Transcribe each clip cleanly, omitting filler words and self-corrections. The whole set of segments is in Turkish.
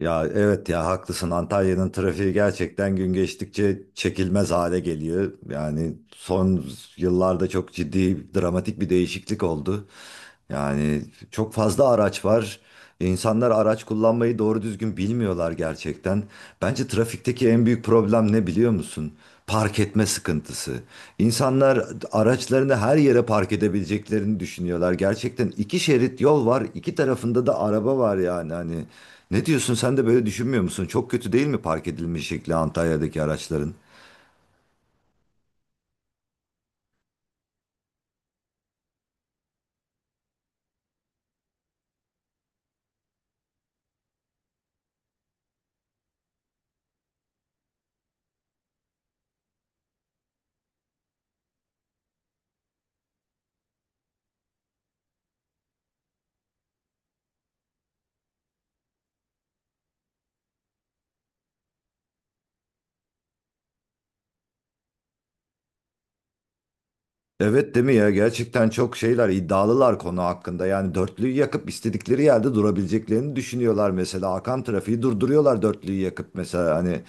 Ya evet ya haklısın. Antalya'nın trafiği gerçekten gün geçtikçe çekilmez hale geliyor. Yani son yıllarda çok ciddi, dramatik bir değişiklik oldu. Yani çok fazla araç var. İnsanlar araç kullanmayı doğru düzgün bilmiyorlar gerçekten. Bence trafikteki en büyük problem ne biliyor musun? Park etme sıkıntısı. İnsanlar araçlarını her yere park edebileceklerini düşünüyorlar. Gerçekten iki şerit yol var, iki tarafında da araba var yani hani. Ne diyorsun, sen de böyle düşünmüyor musun? Çok kötü değil mi park edilme şekli Antalya'daki araçların? Evet değil mi ya? Gerçekten çok şeyler iddialılar konu hakkında. Yani dörtlüyü yakıp istedikleri yerde durabileceklerini düşünüyorlar mesela. Akan trafiği durduruyorlar dörtlüyü yakıp mesela. Hani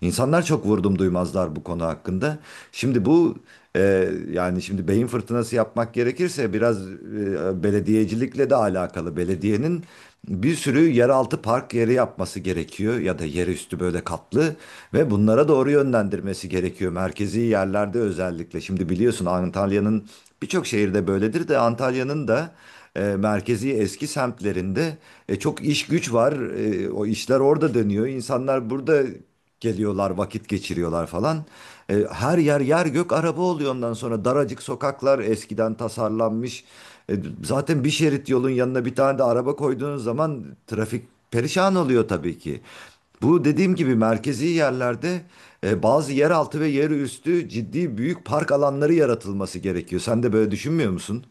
insanlar çok vurdum duymazlar bu konu hakkında. Şimdi bu yani şimdi beyin fırtınası yapmak gerekirse biraz belediyecilikle de alakalı. Belediyenin bir sürü yeraltı park yeri yapması gerekiyor ya da yerüstü böyle katlı ve bunlara doğru yönlendirmesi gerekiyor merkezi yerlerde özellikle. Şimdi biliyorsun Antalya'nın birçok şehirde böyledir de Antalya'nın da merkezi eski semtlerinde çok iş güç var. O işler orada dönüyor. İnsanlar burada geliyorlar, vakit geçiriyorlar falan. Her yer yer gök araba oluyor ondan sonra daracık sokaklar eskiden tasarlanmış. E, zaten bir şerit yolun yanına bir tane de araba koyduğunuz zaman trafik perişan oluyor tabii ki. Bu dediğim gibi merkezi yerlerde bazı yeraltı ve yerüstü ciddi büyük park alanları yaratılması gerekiyor. Sen de böyle düşünmüyor musun?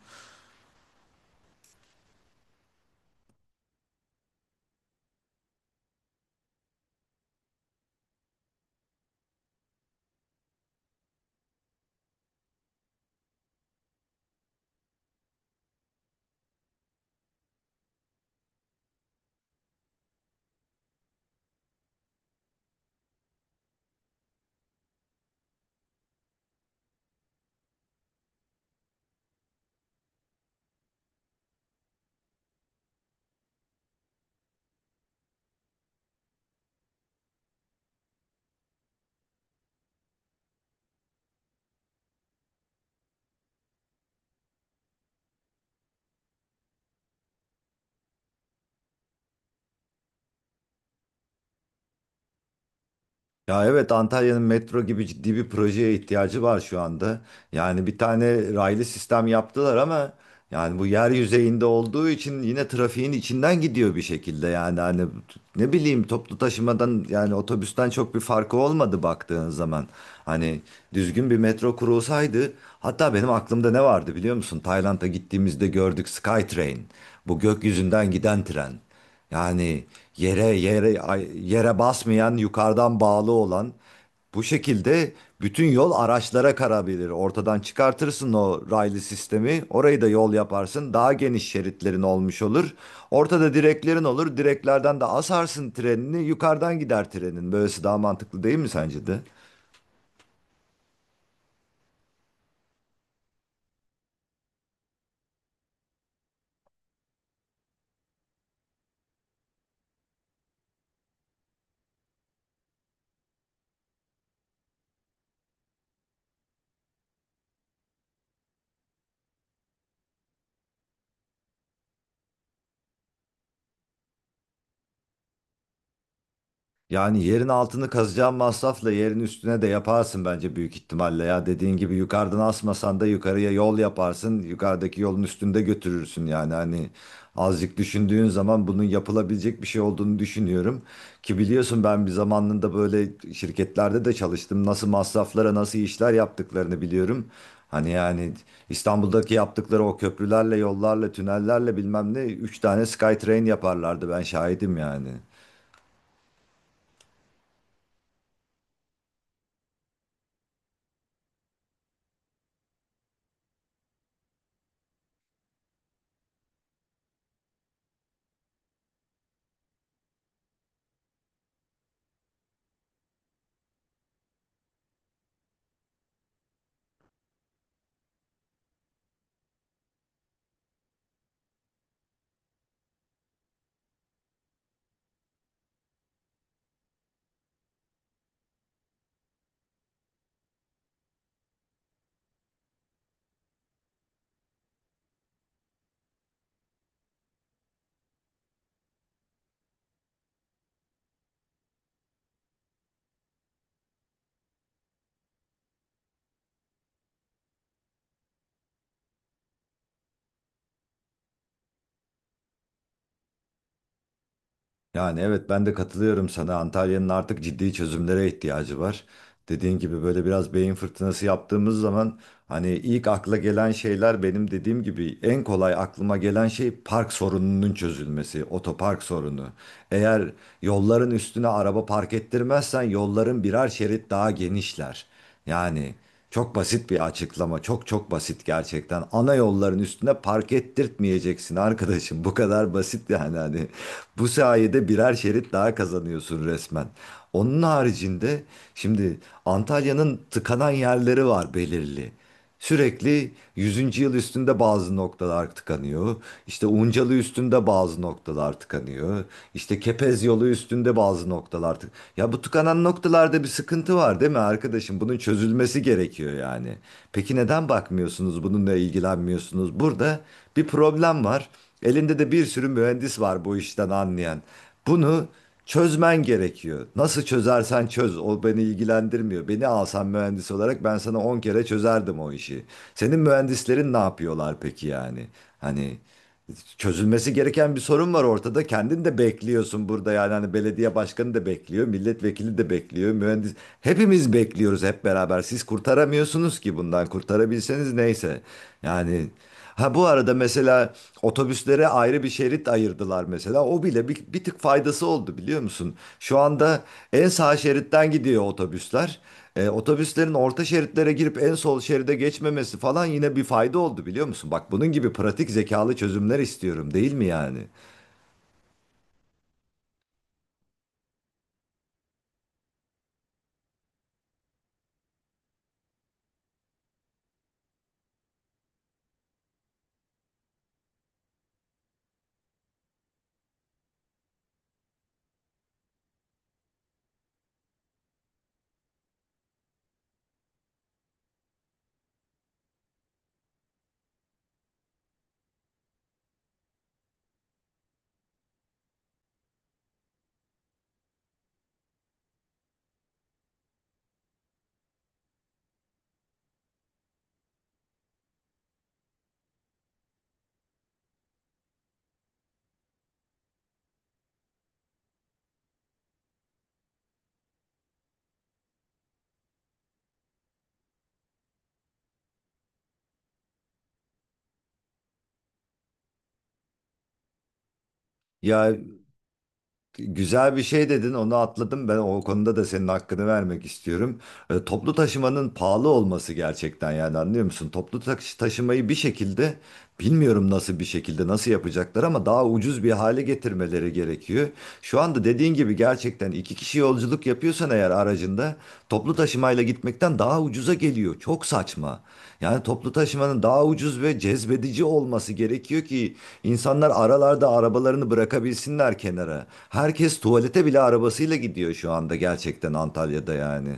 Ya evet, Antalya'nın metro gibi ciddi bir projeye ihtiyacı var şu anda. Yani bir tane raylı sistem yaptılar ama yani bu yer yüzeyinde olduğu için yine trafiğin içinden gidiyor bir şekilde. Yani hani ne bileyim, toplu taşımadan yani otobüsten çok bir farkı olmadı baktığın zaman. Hani düzgün bir metro kurulsaydı, hatta benim aklımda ne vardı biliyor musun? Tayland'a gittiğimizde gördük Skytrain. Bu gökyüzünden giden tren. Yani yere basmayan, yukarıdan bağlı olan bu şekilde bütün yol araçlara karabilir. Ortadan çıkartırsın o raylı sistemi. Orayı da yol yaparsın. Daha geniş şeritlerin olmuş olur. Ortada direklerin olur. Direklerden de asarsın trenini. Yukarıdan gider trenin. Böylesi daha mantıklı değil mi sence de? Yani yerin altını kazacağın masrafla yerin üstüne de yaparsın bence büyük ihtimalle ya. Dediğin gibi yukarıdan asmasan da yukarıya yol yaparsın. Yukarıdaki yolun üstünde götürürsün yani hani azıcık düşündüğün zaman bunun yapılabilecek bir şey olduğunu düşünüyorum. Ki biliyorsun, ben bir zamanında böyle şirketlerde de çalıştım. Nasıl masraflara nasıl işler yaptıklarını biliyorum. Hani yani İstanbul'daki yaptıkları o köprülerle, yollarla, tünellerle bilmem ne 3 tane SkyTrain yaparlardı, ben şahidim yani. Yani evet, ben de katılıyorum sana. Antalya'nın artık ciddi çözümlere ihtiyacı var. Dediğin gibi böyle biraz beyin fırtınası yaptığımız zaman hani ilk akla gelen şeyler, benim dediğim gibi en kolay aklıma gelen şey park sorununun çözülmesi, otopark sorunu. Eğer yolların üstüne araba park ettirmezsen yolların birer şerit daha genişler. Yani çok basit bir açıklama. Çok çok basit gerçekten. Ana yolların üstüne park ettirtmeyeceksin arkadaşım. Bu kadar basit yani hani. Bu sayede birer şerit daha kazanıyorsun resmen. Onun haricinde şimdi Antalya'nın tıkanan yerleri var belirli. Sürekli Yüzüncü Yıl üstünde bazı noktalar tıkanıyor. İşte Uncalı üstünde bazı noktalar tıkanıyor. İşte Kepez yolu üstünde bazı noktalar tık. Ya bu tıkanan noktalarda bir sıkıntı var değil mi arkadaşım? Bunun çözülmesi gerekiyor yani. Peki neden bakmıyorsunuz? Bununla ilgilenmiyorsunuz? Burada bir problem var. Elinde de bir sürü mühendis var bu işten anlayan. Bunu çözmen gerekiyor. Nasıl çözersen çöz, o beni ilgilendirmiyor. Beni alsan mühendis olarak ben sana 10 kere çözerdim o işi. Senin mühendislerin ne yapıyorlar peki yani? Hani çözülmesi gereken bir sorun var ortada. Kendin de bekliyorsun burada yani hani, belediye başkanı da bekliyor, milletvekili de bekliyor, mühendis. Hepimiz bekliyoruz hep beraber. Siz kurtaramıyorsunuz ki bundan. Kurtarabilseniz neyse. Yani, ha bu arada mesela otobüslere ayrı bir şerit ayırdılar mesela. O bile bir tık faydası oldu biliyor musun? Şu anda en sağ şeritten gidiyor otobüsler. Otobüslerin orta şeritlere girip en sol şeride geçmemesi falan yine bir fayda oldu biliyor musun? Bak bunun gibi pratik zekalı çözümler istiyorum, değil mi yani? Ya güzel bir şey dedin, onu atladım ben, o konuda da senin hakkını vermek istiyorum. Toplu taşımanın pahalı olması gerçekten yani anlıyor musun? Toplu taşımayı bir şekilde bilmiyorum nasıl bir şekilde nasıl yapacaklar ama daha ucuz bir hale getirmeleri gerekiyor. Şu anda dediğin gibi gerçekten iki kişi yolculuk yapıyorsan eğer aracında, toplu taşımayla gitmekten daha ucuza geliyor. Çok saçma. Yani toplu taşımanın daha ucuz ve cezbedici olması gerekiyor ki insanlar aralarda arabalarını bırakabilsinler kenara. Herkes tuvalete bile arabasıyla gidiyor şu anda gerçekten Antalya'da yani.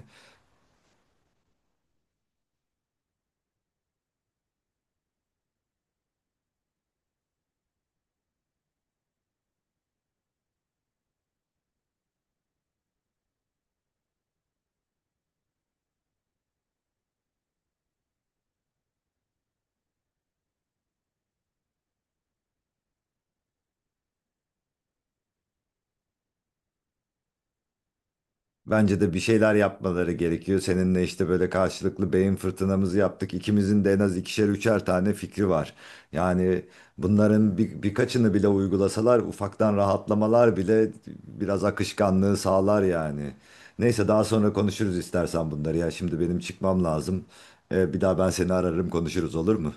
Bence de bir şeyler yapmaları gerekiyor. Seninle işte böyle karşılıklı beyin fırtınamızı yaptık. İkimizin de en az ikişer üçer tane fikri var. Yani bunların birkaçını bile uygulasalar ufaktan rahatlamalar bile biraz akışkanlığı sağlar yani. Neyse, daha sonra konuşuruz istersen bunları ya. Şimdi benim çıkmam lazım. Bir daha ben seni ararım, konuşuruz olur mu?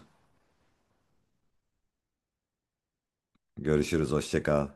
Görüşürüz, hoşça kal.